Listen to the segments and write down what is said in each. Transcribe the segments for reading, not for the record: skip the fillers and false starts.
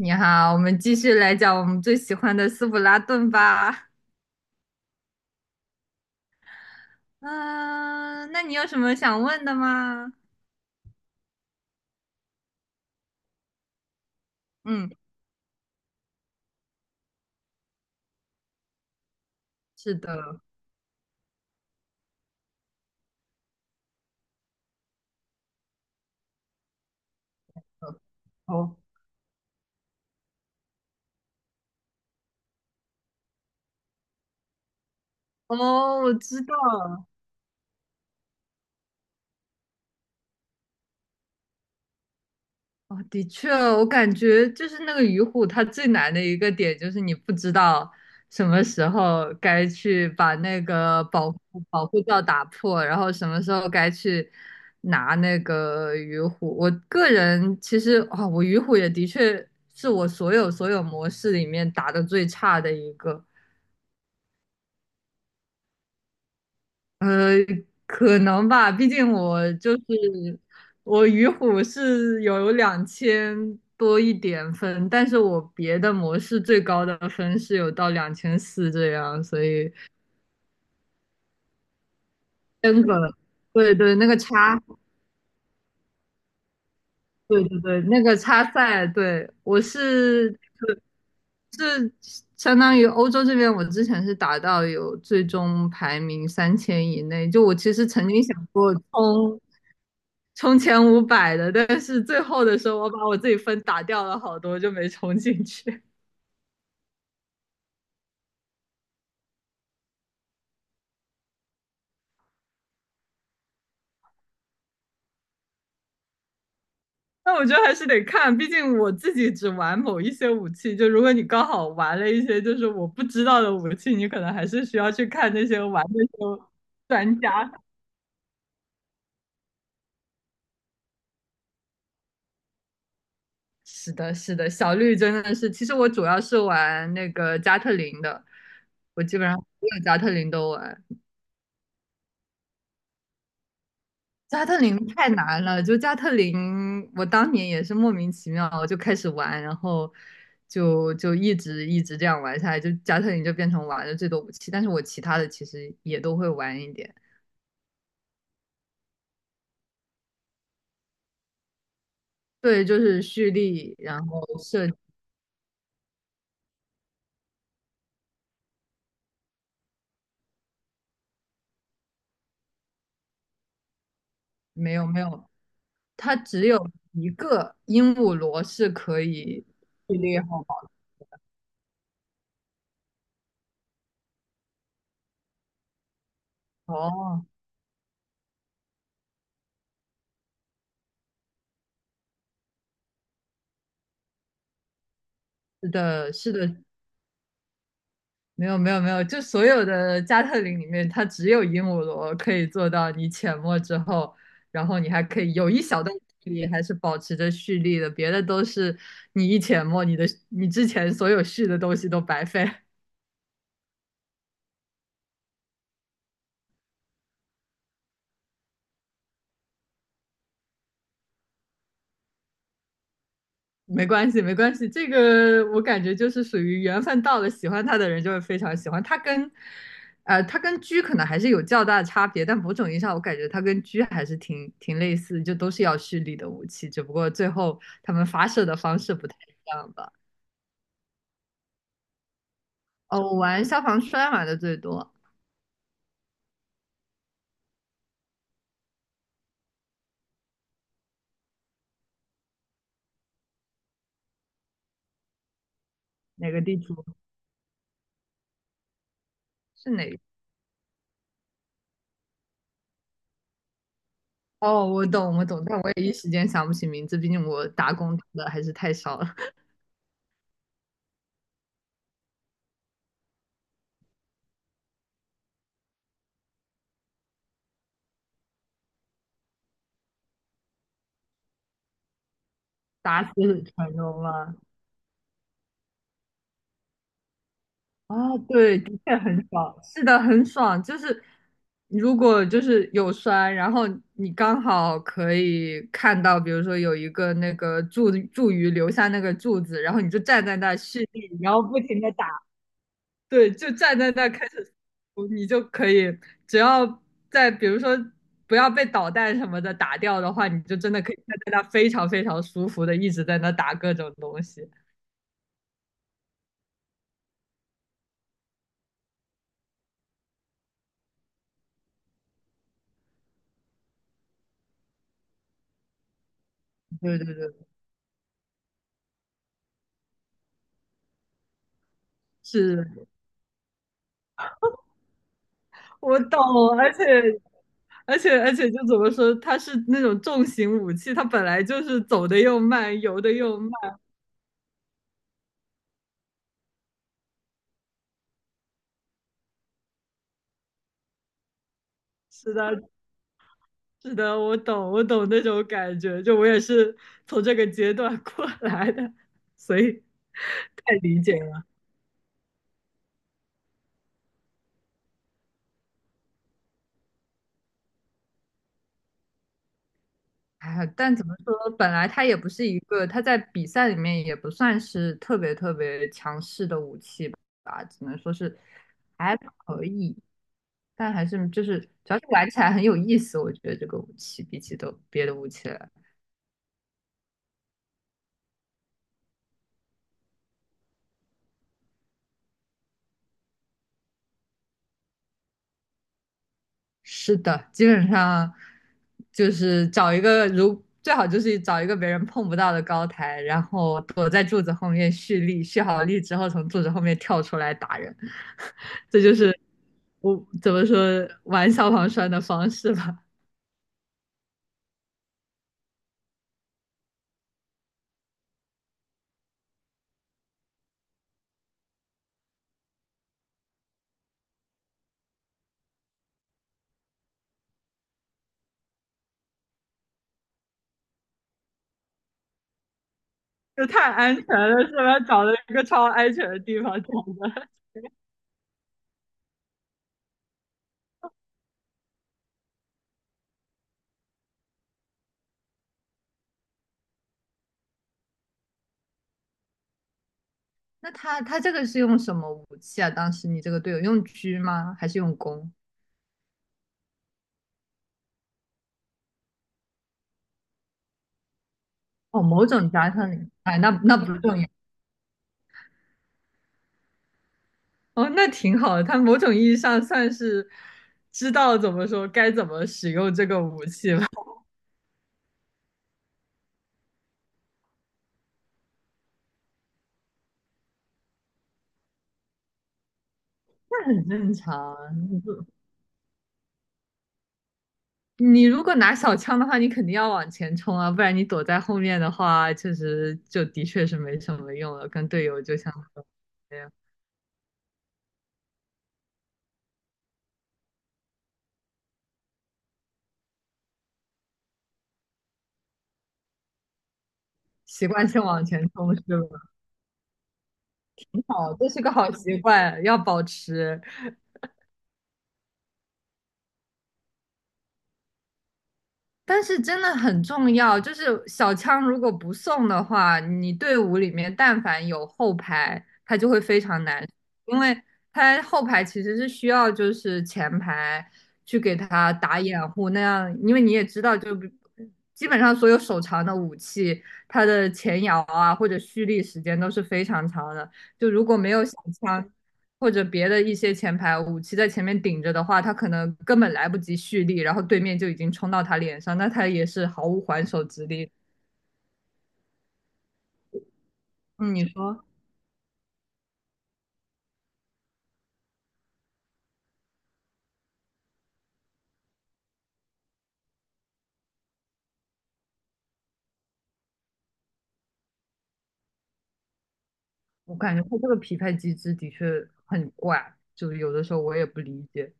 你好，我们继续来讲我们最喜欢的斯普拉顿吧。嗯、那你有什么想问的吗？嗯，是的。哦哦，我知道了。哦，的确，我感觉就是那个鱼虎，它最难的一个点就是你不知道什么时候该去把那个保护罩打破，然后什么时候该去拿那个鱼虎。我个人其实啊，我鱼虎也的确是我所有模式里面打的最差的一个。呃，可能吧，毕竟我就是我鱼虎是有两千多一点分，但是我别的模式最高的分是有到2400这样，所以真个对对，那个差，对对对，那个差赛，对，我是相当于欧洲这边，我之前是打到有最终排名3000以内，就我其实曾经想过冲。充前500的，但是最后的时候我把我自己分打掉了好多，就没充进去。但我觉得还是得看，毕竟我自己只玩某一些武器。就如果你刚好玩了一些就是我不知道的武器，你可能还是需要去看那些玩那些专家。是的，是的，小绿真的是，其实我主要是玩那个加特林的，我基本上所有加特林都玩。加特林太难了，就加特林，我当年也是莫名其妙我就开始玩，然后就一直这样玩下来，就加特林就变成玩的最多武器，但是我其他的其实也都会玩一点。对，就是蓄力，然后射，没有没有，它只有一个鹦鹉螺是可以蓄力好吧？哦，是的，是的，没有没有没有，就所有的加特林里面，它只有鹦鹉螺可以做到你潜没之后，然后你还可以有一小段距离还是保持着蓄力的，别的都是你一潜没，你之前所有蓄的东西都白费。没关系，没关系，这个我感觉就是属于缘分到了，喜欢他的人就会非常喜欢他跟，他跟狙可能还是有较大的差别，但某种意义上我感觉他跟狙还是挺类似，就都是要蓄力的武器，只不过最后他们发射的方式不太一样吧。哦，我玩消防栓玩的最多，哪个地图是哪个哦，我懂，我懂，但我也一时间想不起名字，毕竟我打工打的还是太少了，打死蠢龙吗？啊，对，的确很爽，是的，很爽。就是如果就是有摔，然后你刚好可以看到，比如说有一个那个柱柱鱼留下那个柱子，然后你就站在那蓄力，然后不停的打，对，就站在那开始，哦你就可以，只要在比如说不要被导弹什么的打掉的话，你就真的可以站在那非常非常舒服的一直在那打各种东西。对对对，是我懂，而且。而且就怎么说，它是那种重型武器，它本来就是走的又慢，游的又慢。是的，是的，我懂，我懂那种感觉。就我也是从这个阶段过来的，所以太理解了。哎呀但怎么说，本来它也不是一个，它在比赛里面也不算是特别强势的武器吧，只能说是还可以。但还是就是，主要是玩起来很有意思，我觉得这个武器比起都别的武器来。是的，基本上就是找一个如最好就是找一个别人碰不到的高台，然后躲在柱子后面蓄力，蓄好力之后从柱子后面跳出来打人，这就是我怎么说玩消防栓的方式吧。就太安全了，是吧？找了一个超安全的地方找的。那他这个是用什么武器啊？当时你这个队友用狙吗？还是用弓？哦，某种加上你，哎，那不重要。哦，那挺好的，他某种意义上算是知道怎么说该怎么使用这个武器吧，那很正常啊你不你如果拿小枪的话，你肯定要往前冲啊，不然你躲在后面的话，确实就的确是没什么用了。跟队友就像说的一样，习惯性往前冲是吧？好，这是个好习惯，要保持。但是真的很重要，就是小枪如果不送的话，你队伍里面但凡有后排，他就会非常难，因为他后排其实是需要就是前排去给他打掩护，那样，因为你也知道，就比基本上所有手长的武器，它的前摇啊或者蓄力时间都是非常长的，就如果没有小枪，或者别的一些前排武器在前面顶着的话，他可能根本来不及蓄力，然后对面就已经冲到他脸上，那他也是毫无还手之力。嗯，你说，我感觉他这个匹配机制的确很怪，就有的时候我也不理解，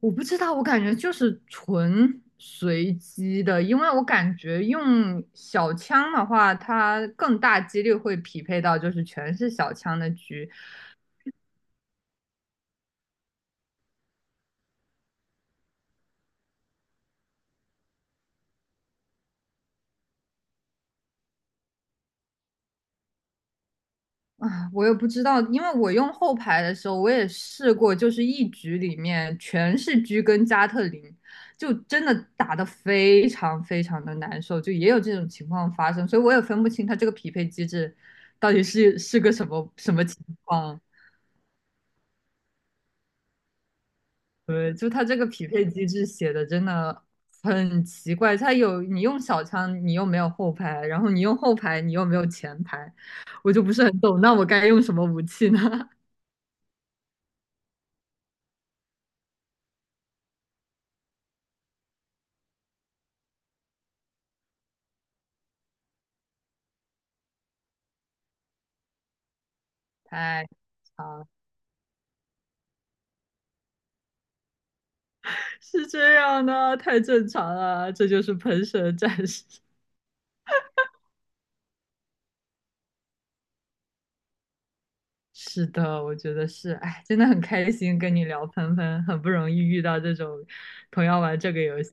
我不知道，我感觉就是纯随机的，因为我感觉用小枪的话，它更大几率会匹配到就是全是小枪的局，啊，我也不知道，因为我用后排的时候，我也试过，就是一局里面全是狙跟加特林，就真的打得非常非常的难受，就也有这种情况发生，所以我也分不清它这个匹配机制到底是个什么什么情况。对，就它这个匹配机制写的真的很奇怪，它有你用小枪，你又没有后排，然后你用后排，你又没有前排，我就不是很懂，那我该用什么武器呢？太。长。是这样的，太正常了，这就是喷射战士。是的，我觉得是，哎，真的很开心跟你聊喷喷，很不容易遇到这种同样玩这个游戏。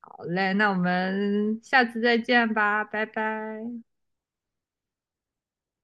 好嘞，那我们下次再见吧，拜拜。